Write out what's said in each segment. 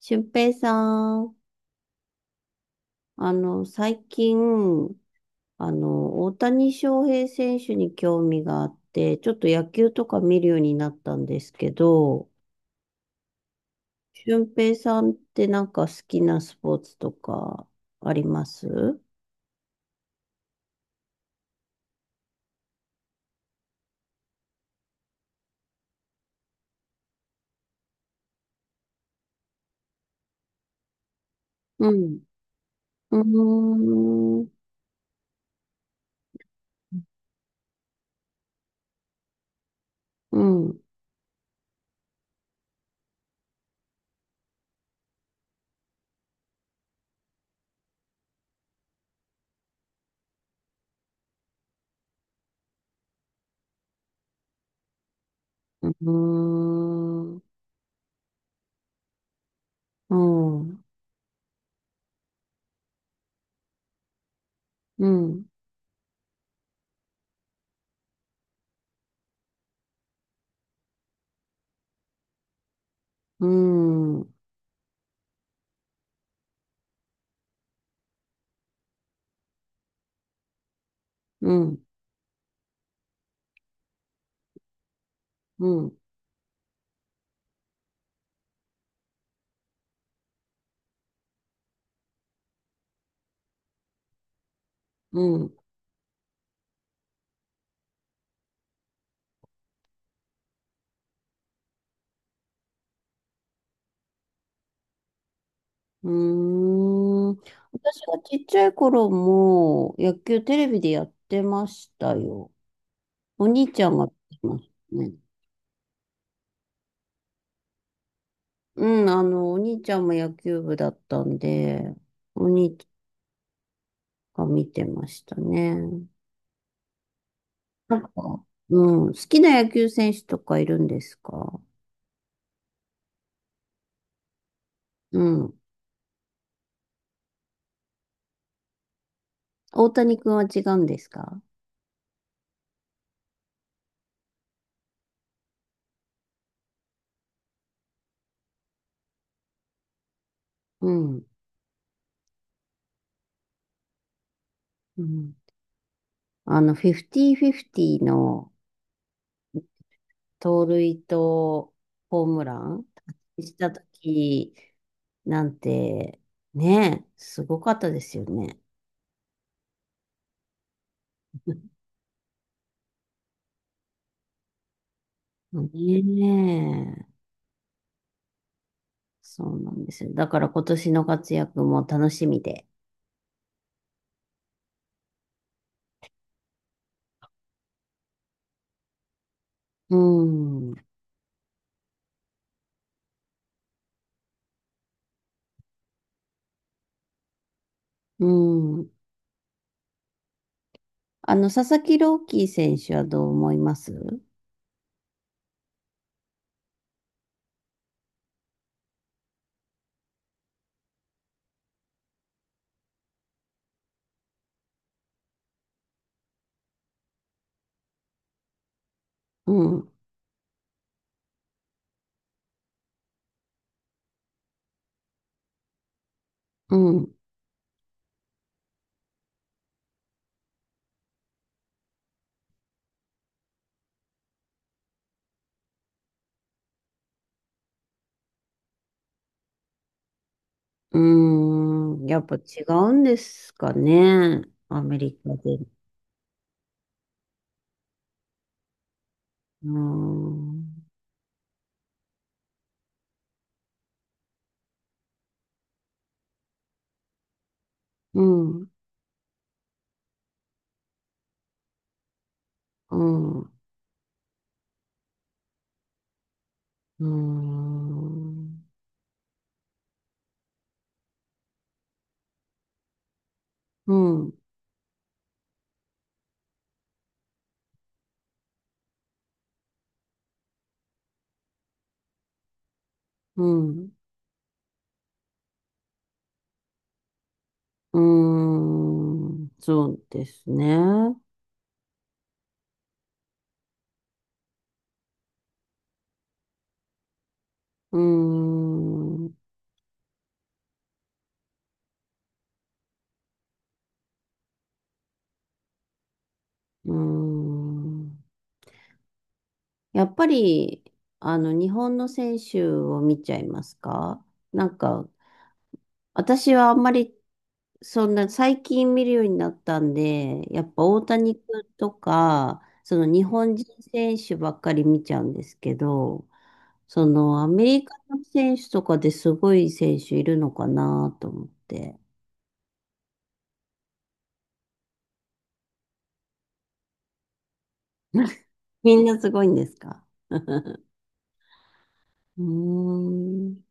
俊平さん、最近、大谷翔平選手に興味があって、ちょっと野球とか見るようになったんですけど、俊平さんってなんか好きなスポーツとかありますうん。うーん。うん。うーん。うん。うん。うん。うん。うん。うん。うーん。私がちっちゃい頃も野球テレビでやってましたよ。お兄ちゃんがやってましたね。うん、お兄ちゃんも野球部だったんで、お兄ちゃんが見てましたね。なんか、うん、好きな野球選手とかいるんですかうん。大谷君は違うんですかうん。うん。あの、フィフティフィフティの盗塁とホームランしたときなんて、ねすごかったですよね。ねえ、そうなんですよ。だから今年の活躍も楽しみで。うん、うん。あの、佐々木朗希選手はどう思いますうん、うん、うん。やっぱ違うんですかね。アメリカで。うん、うん、うん。うーん。うん。うん。うーん。そうですね。うーん。うーん。やっぱり、あの、日本の選手を見ちゃいますかなんか、私はあんまり、そんな、最近見るようになったんで、やっぱ大谷君とか、その日本人選手ばっかり見ちゃうんですけど、その、アメリカの選手とかですごい選手いるのかなと思って。みんなすごいんですか ーん。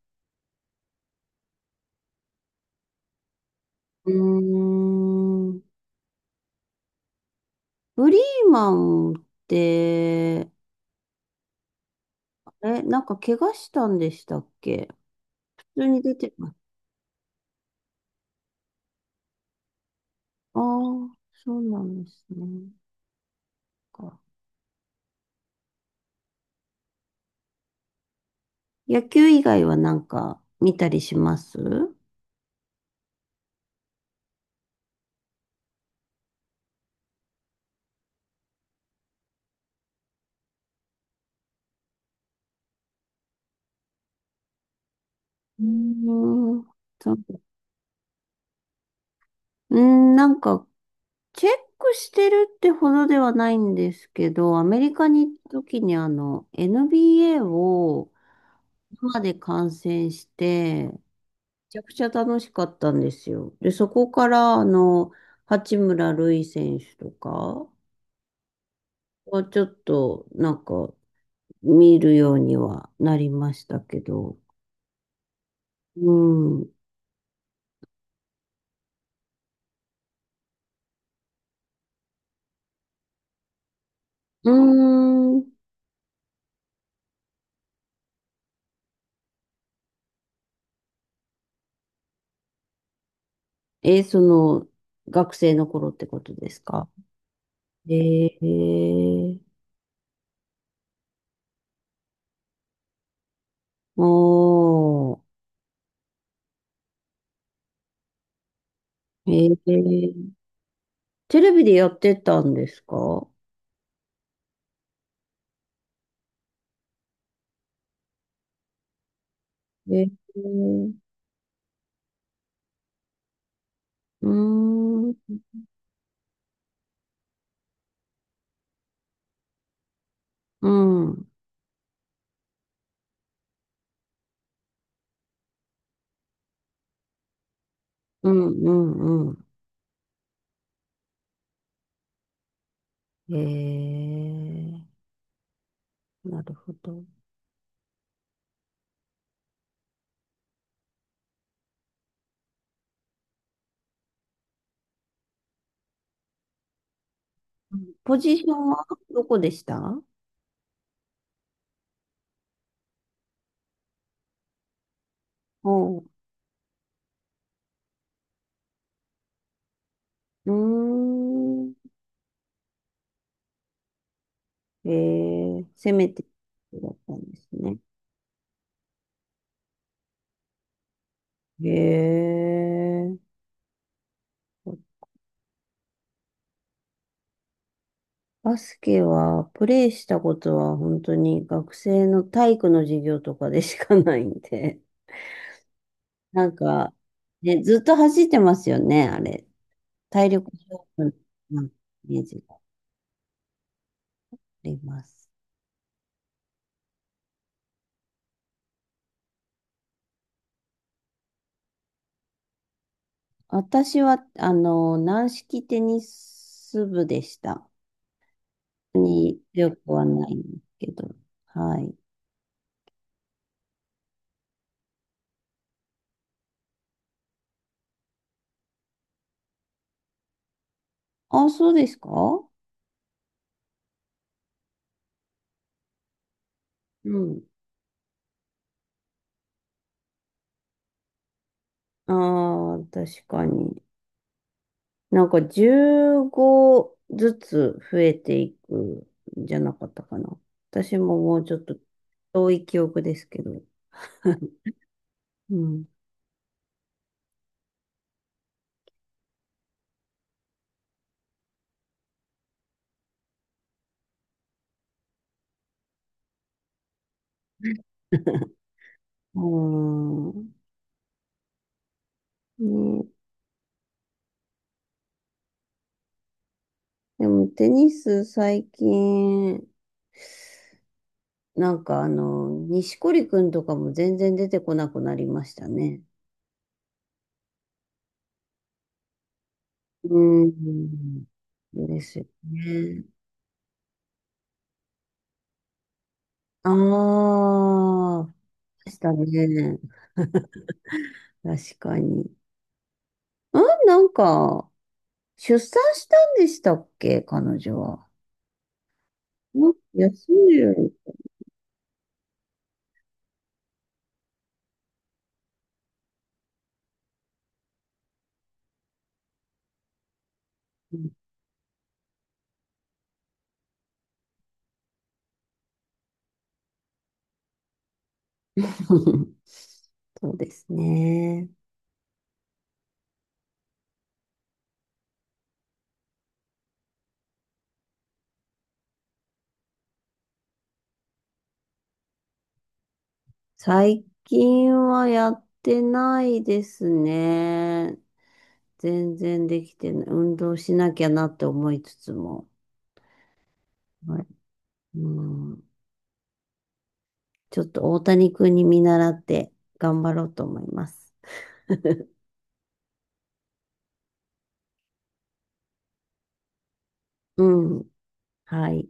うーん。フリーマンって、なんか怪我したんでしたっけ普通に出てます。ああ、そうなんですね。か野球以外はなんか見たりしますうーん。そううーん、なんかチェックしてるってほどではないんですけど、アメリカに行った時にあの、NBA を生で観戦して、めちゃくちゃ楽しかったんですよ。で、そこからあの、八村塁選手とかはちょっとなんか見るようにはなりましたけど、うん。うーん。え、その、学生の頃ってことですかえー、おー。えー、テレビでやってたんですかえー、うーん、うん、うん、うん、うん。えー、なるほど。ポジションはどこでしたおう。うーん、えー、攻めてだったんですね。えー、バスケはプレイしたことは本当に学生の体育の授業とかでしかないんで。なんか、ね、ずっと走ってますよね、あれ。体力勝負のイメージがあります。私は、あの、軟式テニス部でした。に強くはないんですけど。はい。あ、そうですかうん。ああ、確かに。なんか15ずつ増えていくんじゃなかったかな。私ももうちょっと遠い記憶ですけど。うん。うーん。ね、でもテニス最近、なんかあの、錦織くんとかも全然出てこなくなりましたね。うーん。ですよね。ああ、でしたね。確かに。あ、なんか、出産したんでしたっけ彼女は。うん休んでる。そうですね。最近はやってないですね。全然できてない。運動しなきゃなって思いつつも。はい、うん、ちょっと大谷君に見習って頑張ろうと思います。うん。はい。